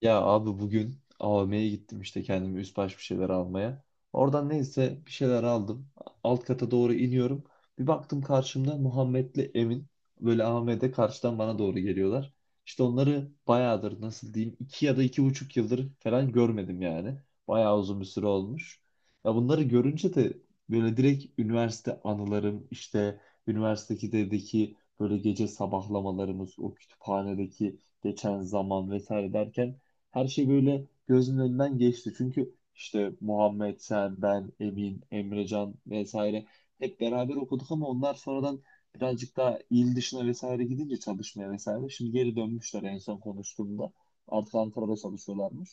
Ya abi bugün AVM'ye gittim işte kendime üst baş bir şeyler almaya. Oradan neyse bir şeyler aldım. Alt kata doğru iniyorum. Bir baktım karşımda Muhammed'le Emin böyle AVM'de karşıdan bana doğru geliyorlar. İşte onları bayağıdır nasıl diyeyim 2 ya da 2,5 yıldır falan görmedim yani. Bayağı uzun bir süre olmuş. Ya bunları görünce de böyle direkt üniversite anılarım işte üniversitedeki böyle gece sabahlamalarımız o kütüphanedeki geçen zaman vesaire derken her şey böyle gözümün önünden geçti. Çünkü işte Muhammed, sen, ben, Emin, Emrecan vesaire hep beraber okuduk ama onlar sonradan birazcık daha il dışına vesaire gidince çalışmaya vesaire. Şimdi geri dönmüşler en son konuştuğumda. Artık Ankara'da çalışıyorlarmış.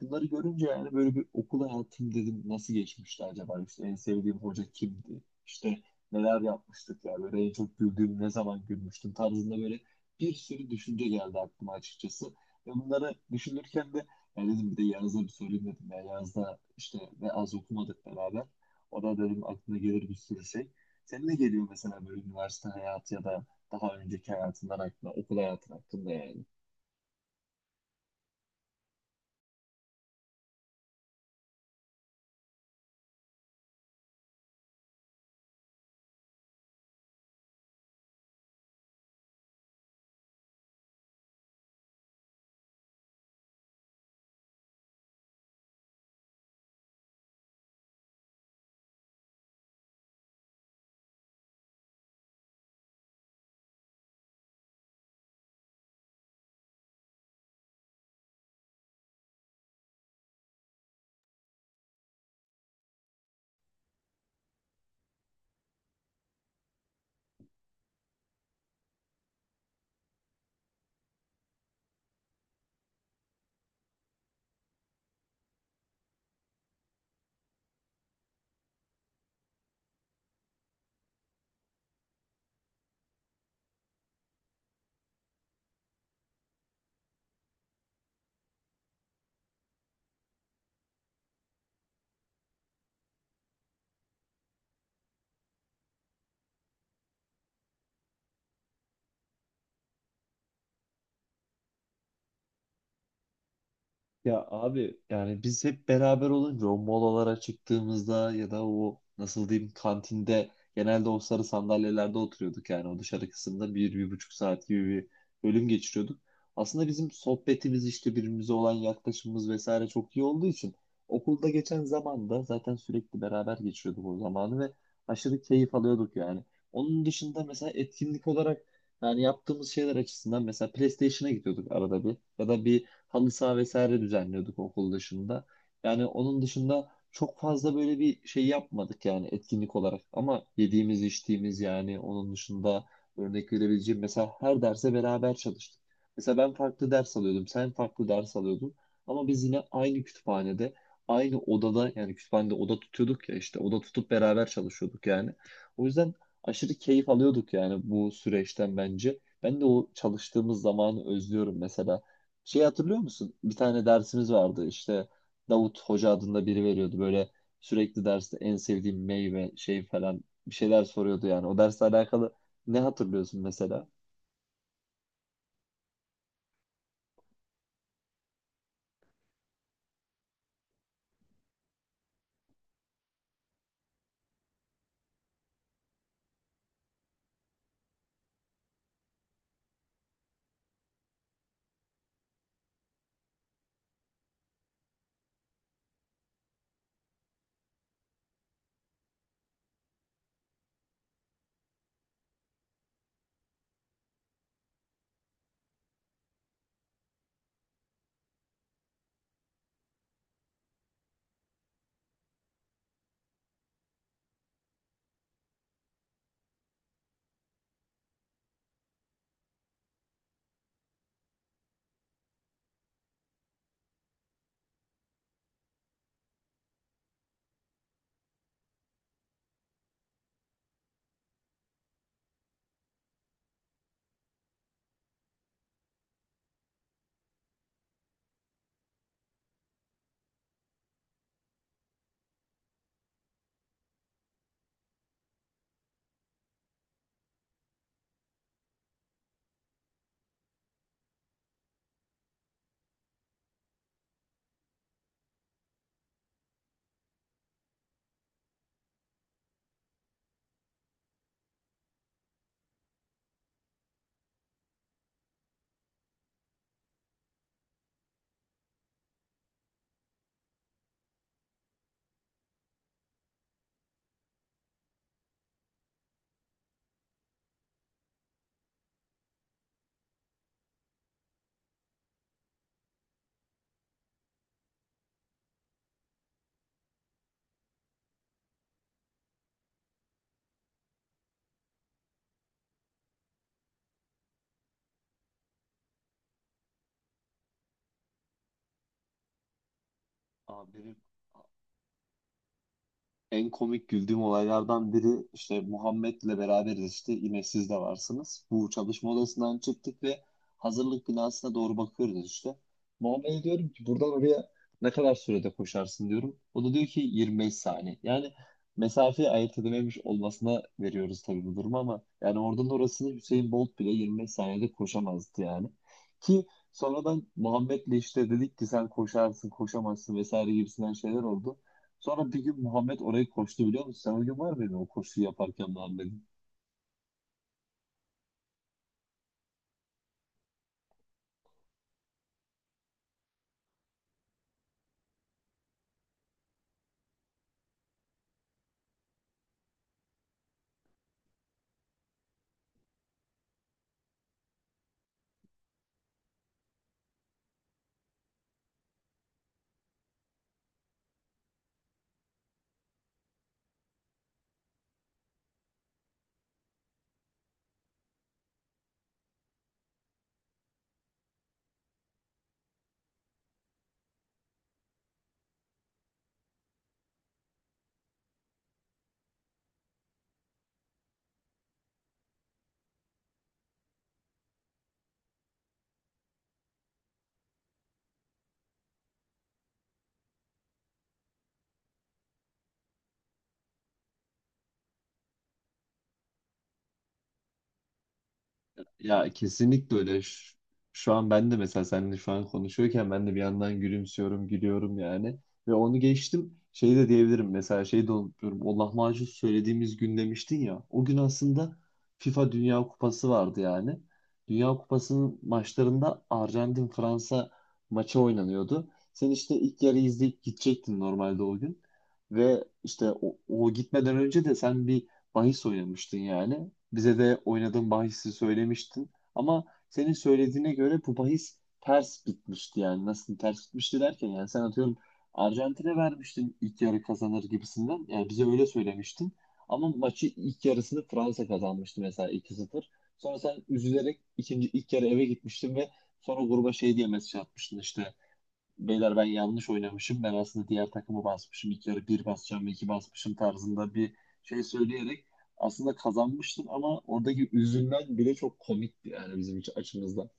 Bunları görünce yani böyle bir okul hayatım dedim nasıl geçmişti acaba? İşte en sevdiğim hoca kimdi? İşte neler yapmıştık ya? Böyle en çok güldüğüm ne zaman gülmüştüm tarzında böyle bir sürü düşünce geldi aklıma açıkçası. Ya bunları düşünürken de ya dedim bir de Yağız'a bir sorayım dedim. Ya Yağız da işte ve az okumadık beraber. O da dedim aklına gelir bir sürü şey. Senin ne geliyor mesela böyle üniversite hayatı ya da daha önceki hayatından aklına, okul hayatın hakkında yani? Ya abi yani biz hep beraber olunca o molalara çıktığımızda ya da o nasıl diyeyim kantinde genelde o sarı sandalyelerde oturuyorduk yani o dışarı kısımda 1, 1,5 saat gibi bir bölüm geçiriyorduk. Aslında bizim sohbetimiz işte birbirimize olan yaklaşımımız vesaire çok iyi olduğu için okulda geçen zamanda zaten sürekli beraber geçiriyorduk o zamanı ve aşırı keyif alıyorduk yani. Onun dışında mesela etkinlik olarak yani yaptığımız şeyler açısından mesela PlayStation'a gidiyorduk arada bir ya da bir halı saha vesaire düzenliyorduk okul dışında. Yani onun dışında çok fazla böyle bir şey yapmadık yani etkinlik olarak. Ama yediğimiz, içtiğimiz yani onun dışında örnek verebileceğim mesela her derse beraber çalıştık. Mesela ben farklı ders alıyordum, sen farklı ders alıyordun. Ama biz yine aynı kütüphanede, aynı odada yani kütüphanede oda tutuyorduk ya işte oda tutup beraber çalışıyorduk yani. O yüzden aşırı keyif alıyorduk yani bu süreçten bence. Ben de o çalıştığımız zamanı özlüyorum mesela. Şey hatırlıyor musun? Bir tane dersimiz vardı işte Davut Hoca adında biri veriyordu böyle sürekli derste en sevdiğim meyve şey falan bir şeyler soruyordu yani. O dersle alakalı ne hatırlıyorsun mesela? Abi en komik güldüğüm olaylardan biri işte Muhammed'le beraberiz işte yine siz de varsınız. Bu çalışma odasından çıktık ve hazırlık binasına doğru bakıyoruz işte. Muhammed'e diyorum ki buradan oraya ne kadar sürede koşarsın diyorum. O da diyor ki 25 saniye. Yani mesafeyi ayırt edememiş olmasına veriyoruz tabii bu durumu ama yani oradan orasını Hüseyin Bolt bile 25 saniyede koşamazdı yani. Ki sonradan Muhammed'le işte dedik ki sen koşarsın koşamazsın vesaire gibisinden şeyler oldu. Sonra bir gün Muhammed orayı koştu biliyor musun? Sen o gün var mıydın o koşuyu yaparken Muhammed? Ya kesinlikle öyle. Şu an ben de mesela seninle şu an konuşuyorken ben de bir yandan gülümsüyorum, gülüyorum yani. Ve onu geçtim. Şey de diyebilirim mesela şey de unutuyorum. O lahmacun söylediğimiz gün demiştin ya. O gün aslında FIFA Dünya Kupası vardı yani. Dünya Kupası'nın maçlarında Arjantin-Fransa maçı oynanıyordu. Sen işte ilk yarı izleyip gidecektin normalde o gün. Ve işte o gitmeden önce de sen bir bahis oynamıştın yani. Bize de oynadığın bahisi söylemiştin. Ama senin söylediğine göre bu bahis ters bitmişti yani. Nasıl ters bitmişti derken yani sen atıyorum Arjantin'e vermiştin ilk yarı kazanır gibisinden. Yani bize öyle söylemiştin. Ama maçı ilk yarısını Fransa kazanmıştı mesela 2-0. Sonra sen üzülerek ikinci ilk yarı eve gitmiştin ve sonra gruba şey diye mesaj atmıştın işte beyler ben yanlış oynamışım. Ben aslında diğer takımı basmışım. İlk yarı bir basacağım, iki basmışım tarzında bir şey söyleyerek aslında kazanmıştım ama oradaki üzülen bile çok komikti yani bizim için açımızdan.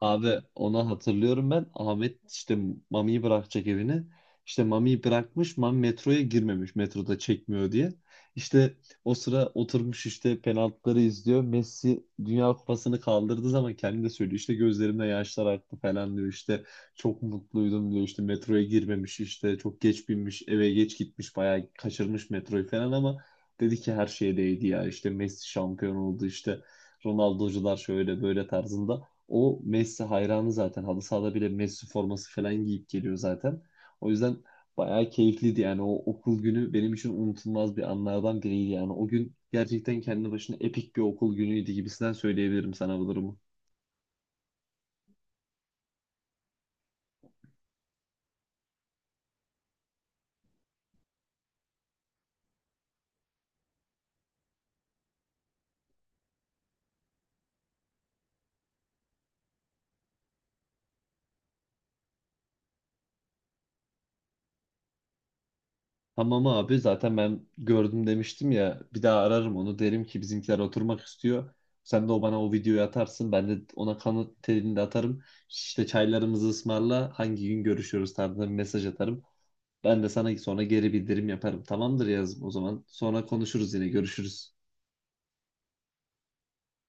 Abi onu hatırlıyorum ben. Ahmet işte Mami'yi bırakacak evine. İşte Mami'yi bırakmış. Mami metroya girmemiş. Metroda çekmiyor diye. İşte o sıra oturmuş işte penaltıları izliyor. Messi Dünya Kupası'nı kaldırdığı zaman kendi de söylüyor. İşte gözlerimde yaşlar aktı falan diyor. İşte çok mutluydum diyor. İşte metroya girmemiş işte çok geç binmiş eve geç gitmiş bayağı kaçırmış metroyu falan ama dedi ki her şeye değdi ya. İşte Messi şampiyon oldu işte Ronaldo'cular şöyle böyle tarzında. O Messi hayranı zaten. Halı sahada bile Messi forması falan giyip geliyor zaten. O yüzden bayağı keyifliydi yani. O okul günü benim için unutulmaz bir anlardan biriydi yani. O gün gerçekten kendi başına epik bir okul günüydü gibisinden söyleyebilirim sana bu durumu. Tamam abi zaten ben gördüm demiştim ya. Bir daha ararım onu. Derim ki bizimkiler oturmak istiyor. Sen de o bana o videoyu atarsın. Ben de ona kanıt telini de atarım. İşte çaylarımızı ısmarla. Hangi gün görüşüyoruz tarzında bir mesaj atarım. Ben de sana sonra geri bildirim yaparım. Tamamdır yazım o zaman. Sonra konuşuruz yine görüşürüz.